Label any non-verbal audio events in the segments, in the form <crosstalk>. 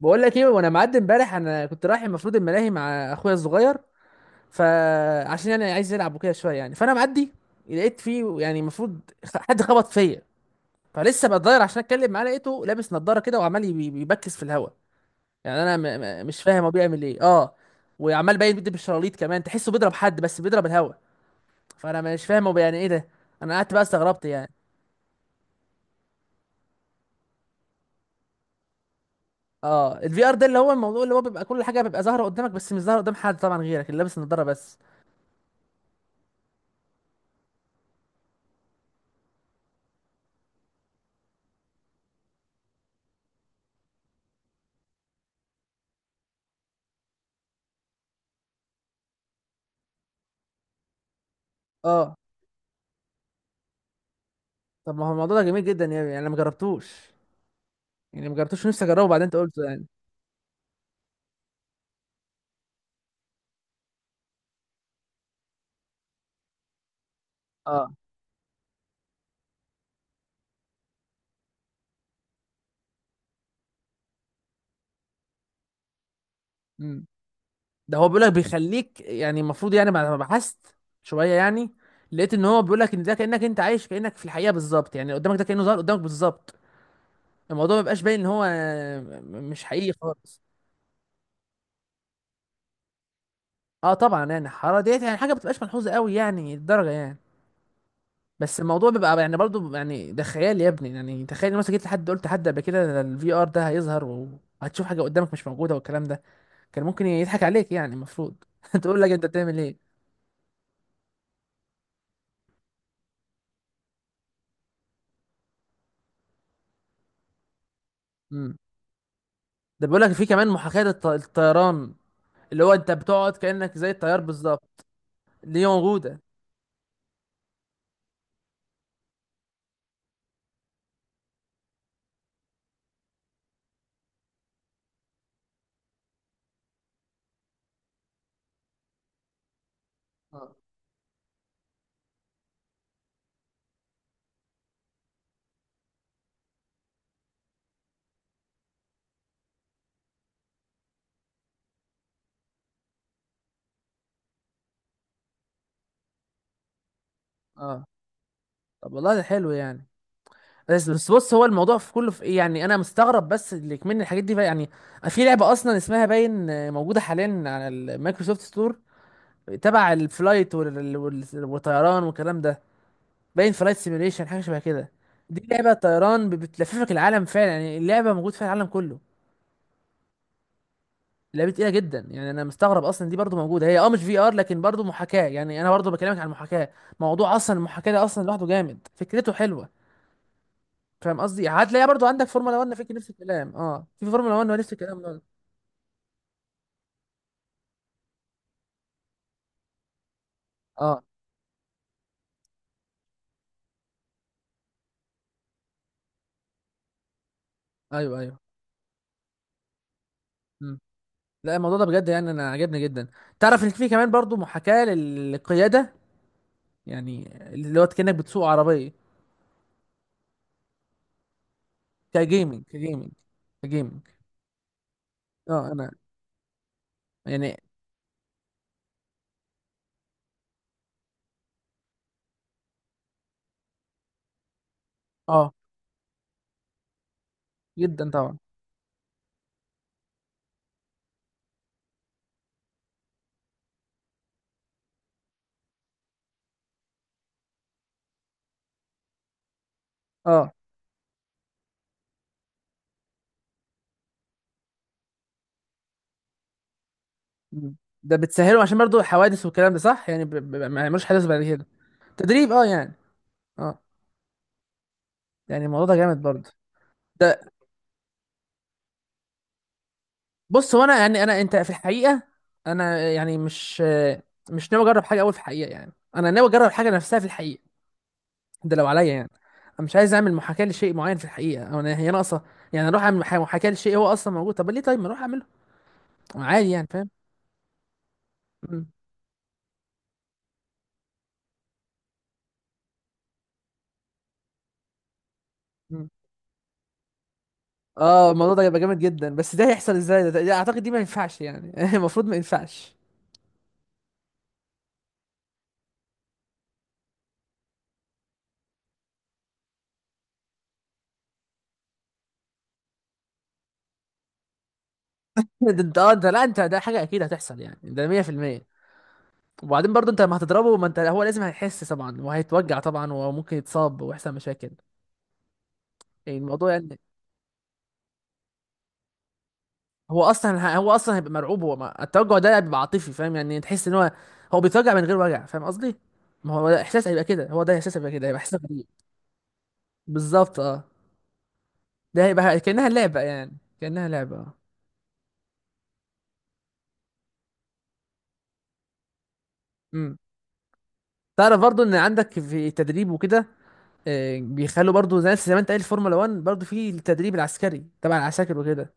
بقول لك ايه. وانا معدي امبارح انا كنت رايح المفروض الملاهي مع اخويا الصغير. فعشان يعني عايز يلعب وكده شويه يعني فانا معدي لقيت فيه يعني المفروض حد خبط فيا. فلسه بتضاير عشان اتكلم معاه لقيته لابس نظاره كده وعمال بيبكس في الهواء. يعني انا م م مش فاهم هو بيعمل ايه اه. وعمال باين بيدي بالشراليط كمان تحسه بيضرب حد بس بيضرب الهواء. فانا مش فاهم هو يعني ايه ده. انا قعدت بقى استغربت يعني. اه الفي ار ده اللي هو الموضوع اللي هو بيبقى كل حاجه بيبقى ظاهره قدامك بس مش ظاهره قدام حد طبعا غيرك اللي لابس النضاره بس. اه طب ما هو الموضوع ده جميل جدا يعني انا ما جربتوش. يعني ما جربتوش نفسي اجربه بعدين انت قلته يعني. اه. امم ده هو بيقول لك بيخليك يعني المفروض يعني بعد ما بحثت شويه يعني لقيت ان هو بيقول لك ان ده كانك انت عايش كانك في الحقيقه بالظبط يعني قدامك ده كانه ظهر قدامك بالظبط. الموضوع ما بيبقاش باين ان هو مش حقيقي خالص. اه طبعا يعني الحراره ديت يعني حاجه ما بتبقاش ملحوظه قوي يعني الدرجه يعني. بس الموضوع بيبقى يعني برضو يعني ده خيال يا ابني يعني تخيل إن مثلا جيت لحد قلت لحد قبل كده الفي ار ده هيظهر وهتشوف حاجه قدامك مش موجوده والكلام ده كان ممكن يضحك عليك يعني المفروض <laughs> تقول لك انت بتعمل ايه. امم ده بيقول لك في كمان محاكاة الطيران اللي هو انت بتقعد كأنك زي الطيار بالظبط. دي موجودة. اه اه طب والله ده حلو يعني. بس بس بص هو الموضوع في كله في ايه يعني انا مستغرب بس اللي كمان الحاجات دي بقى يعني. في لعبة اصلا اسمها باين موجودة حاليا على المايكروسوفت ستور تبع الفلايت والطيران والكلام ده. باين فلايت سيميوليشن حاجة شبه كده. دي لعبة طيران بتلففك العالم فعلا يعني اللعبة موجود فيها العالم كله. لعبه تقيله جدا يعني انا مستغرب اصلا دي برضو موجوده هي اه مش في ار لكن برضو محاكاه يعني انا برضو بكلمك عن المحاكاه. موضوع اصلا المحاكاه ده اصلا لوحده جامد فكرته حلوه. فاهم قصدي هتلاقيها برضو عندك فورمولا 1 فكر نفس الكلام اه في فورمولا 1 نفس الكلام برضو. اه ايوه ايوه مم. لا الموضوع ده بجد يعني انا عجبني جدا. تعرف ان في كمان برضو محاكاه للقياده يعني اللي هو كانك بتسوق عربيه. كجيمنج كجيمنج كجيمنج. اه انا يعني. اه. جدا طبعا. اه. مم. ده بتسهله عشان برضو حوادث والكلام ده صح يعني ما يعملوش حدث بعد كده. تدريب اه يعني. اه. يعني الموضوع ده جامد برضو. ده بص هو انا يعني انا انت في الحقيقه انا يعني مش ناوي اجرب حاجه اول في الحقيقه يعني انا ناوي اجرب حاجه نفسها في الحقيقه. ده لو عليا يعني. انا مش عايز اعمل محاكاه لشيء معين في الحقيقه او انا هي ناقصه. يعني اروح اعمل محاكاه لشيء هو اصلا موجود طب ليه طيب ما اروح اعمله. عادي يعني فاهم. مم. مم. اه الموضوع ده هيبقى جامد جدا بس ده هيحصل ازاي ده, اعتقد دي ما ينفعش يعني <laughs> المفروض ما ينفعش. ده ده لا انت ده حاجه اكيد هتحصل يعني ده 100%. وبعدين برضه انت لما هتضربه ما انت هو لازم هيحس طبعا وهيتوجع طبعا وممكن يتصاب ويحصل مشاكل. يعني الموضوع يعني هو اصلا هيبقى مرعوب هو التوجع ده بيبقى عاطفي فاهم يعني تحس ان هو هو بيتوجع من غير وجع فاهم قصدي. ما هو ده احساس هيبقى كده هو ده احساس هيبقى كده هيبقى احساس غريب. بالظبط اه. ده هيبقى كانها لعبه يعني كانها لعبه اه. امم تعرف برضه ان عندك في التدريب وكده بيخلوا برضو زي ما انت قايل الفورمولا 1 برضو في التدريب العسكري تبع العساكر وكده.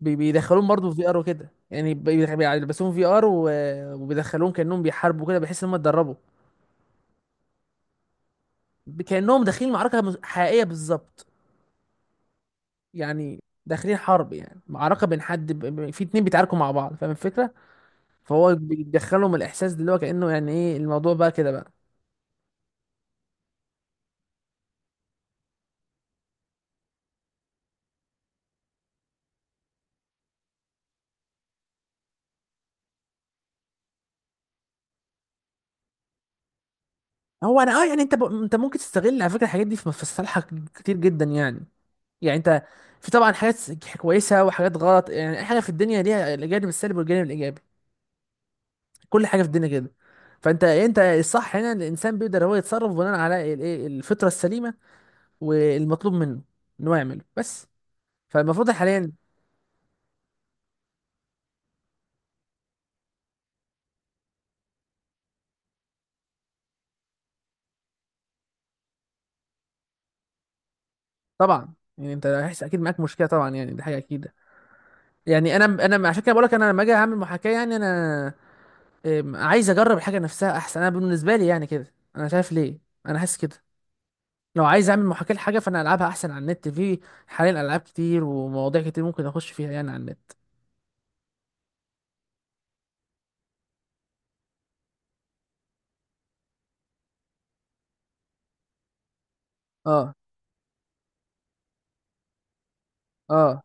بيدخلوهم برضو في في ار وكده يعني بيلبسوهم في ار وبيدخلوهم كانهم بيحاربوا كده بحيث ان هم اتدربوا. كانهم داخلين معركه حقيقيه بالظبط. يعني داخلين حرب يعني معركه بين حد في 2 بيتعاركوا مع بعض فاهم الفكره. فهو بيدخلهم الاحساس ده اللي هو كانه يعني ايه الموضوع بقى كده بقى. هو انا اه يعني انت انت ممكن تستغل على فكره الحاجات دي في في صالحك كتير جدا يعني. يعني انت في طبعا حاجات كويسه وحاجات غلط يعني اي حاجه في الدنيا ليها الجانب السلبي والجانب الايجابي. كل حاجه في الدنيا كده. فانت يعني انت الصح هنا ان الانسان بيقدر هو يتصرف بناء على الايه الفطره السليمه والمطلوب منه ان هو يعمله بس. فالمفروض حاليا. طبعا يعني انت هيحس اكيد معاك مشكله طبعا يعني دي حاجه اكيده. يعني انا عشان كده بقول لك انا لما اجي اعمل محاكاه يعني انا عايز اجرب الحاجه نفسها احسن انا بالنسبه لي يعني كده انا شايف ليه. انا حاسس كده. لو عايز اعمل محاكاة لحاجة فانا العبها احسن على النت. في حاليا العاب كتير ومواضيع كتير ممكن اخش فيها يعني على النت. اه اه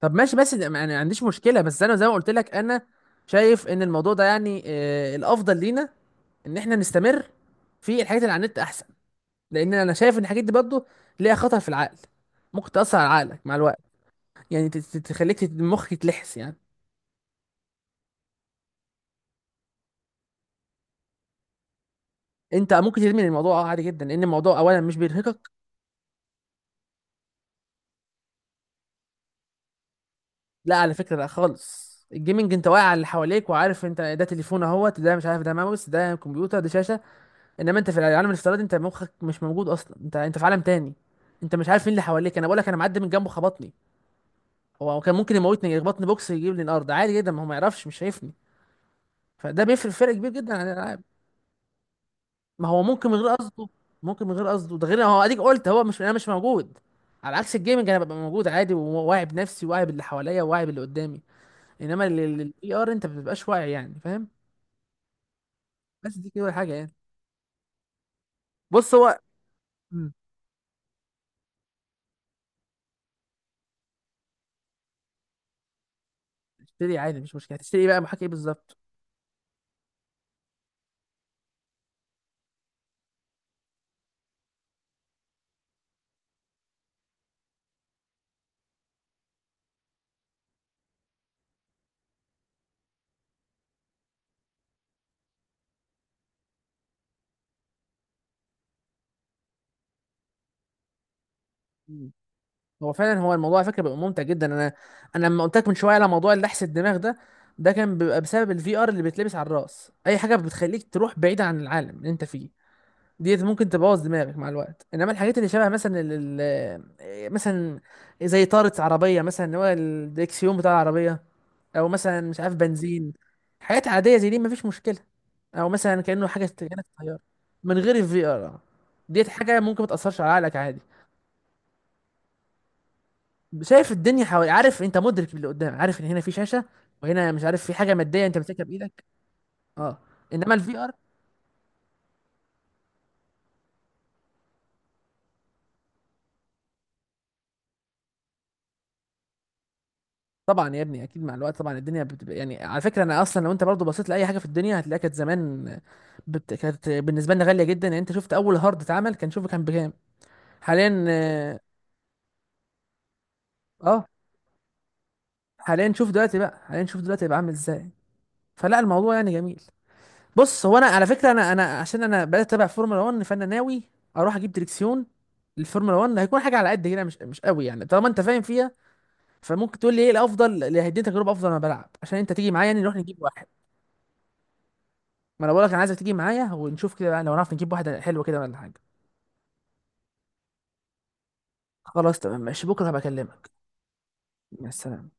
طب ماشي بس يعني ما عنديش مشكلة بس انا زي ما قلت لك انا شايف ان الموضوع ده يعني الافضل لينا ان احنا نستمر في الحاجات اللي على النت احسن. لان انا شايف ان الحاجات دي برضه ليها خطر في العقل ممكن تأثر على عقلك مع الوقت. يعني تخليك مخك يتلحس يعني. انت ممكن تدمن الموضوع اه عادي جدا لان الموضوع اولا مش بيرهقك. لا على فكرة لا خالص. الجيمنج انت واقع على اللي حواليك وعارف انت ده تليفون اهوت ده مش عارف ده ماوس ده كمبيوتر ده شاشة. انما انت في العالم الافتراضي انت مخك مش موجود اصلا انت في عالم تاني. انت مش عارف مين اللي حواليك انا بقول لك انا معدي من جنبه خبطني. هو كان ممكن يموتني يخبطني بوكس يجيب لي الارض عادي جدا ما هو ما يعرفش مش شايفني. فده بيفرق فرق كبير جدا عن الالعاب. ما هو ممكن من غير قصده. ممكن من غير قصده ده غير هو اديك قلت هو مش انا مش موجود. على عكس الجيمنج انا ببقى موجود عادي وواعي بنفسي وواعي باللي حواليا وواعي باللي قدامي. انما الاي ار انت ما بتبقاش واعي يعني فاهم. بس دي كده حاجه يعني. بص هو مم. اشتري عادي مش مشكله هتشتري إيه بقى محاكي ايه بالظبط؟ مم. هو فعلا هو الموضوع على فكره بيبقى ممتع جدا انا. انا لما قلت لك من شويه على موضوع اللحس الدماغ ده ده كان بيبقى بسبب الفي ار اللي بيتلبس على الراس اي حاجه بتخليك تروح بعيد عن العالم اللي انت فيه ديت ممكن تبوظ دماغك مع الوقت. انما الحاجات اللي شبه مثلا ال ال- مثلا زي طارة عربية مثلا اللي هو الدريكسيون بتاع العربية او مثلا مش عارف بنزين حاجات عادية زي دي مفيش مشكلة. او مثلا كأنه حاجة كأنك طيارة من غير الفي ار. ديت حاجة ممكن ما تأثرش على عقلك عادي. شايف الدنيا حوالي عارف انت مدرك اللي قدام عارف ان هنا في شاشة وهنا مش عارف في حاجة مادية انت ماسكها بايدك. اه انما الفي ار. طبعا يا ابني اكيد مع الوقت طبعا الدنيا بتبقى يعني على فكره انا اصلا لو انت برضو بصيت لاي حاجه في الدنيا هتلاقيها كانت زمان كانت بالنسبه لنا غاليه جدا يعني انت شفت اول هارد اتعمل كان شوفه كان بكام حاليا. اه آه، حاليا شوف دلوقتي بقى عامل ازاي. فلا الموضوع يعني جميل. بص هو انا على فكره انا عشان انا بدات اتابع فورمولا 1 فانا ناوي اروح اجيب دريكسيون للفورمولا 1. هيكون حاجه على قد كده مش قوي يعني طالما انت فاهم فيها فممكن تقول لي ايه الافضل اللي هيديني تجربه افضل وانا بلعب عشان انت تيجي معايا يعني نروح نجيب واحد. ما انا بقولك انا عايزك تيجي معايا ونشوف كده بقى لو نعرف نجيب واحده حلوه كده ولا حاجه. خلاص تمام ماشي بكره هبقى اكلمك. مع السلامه.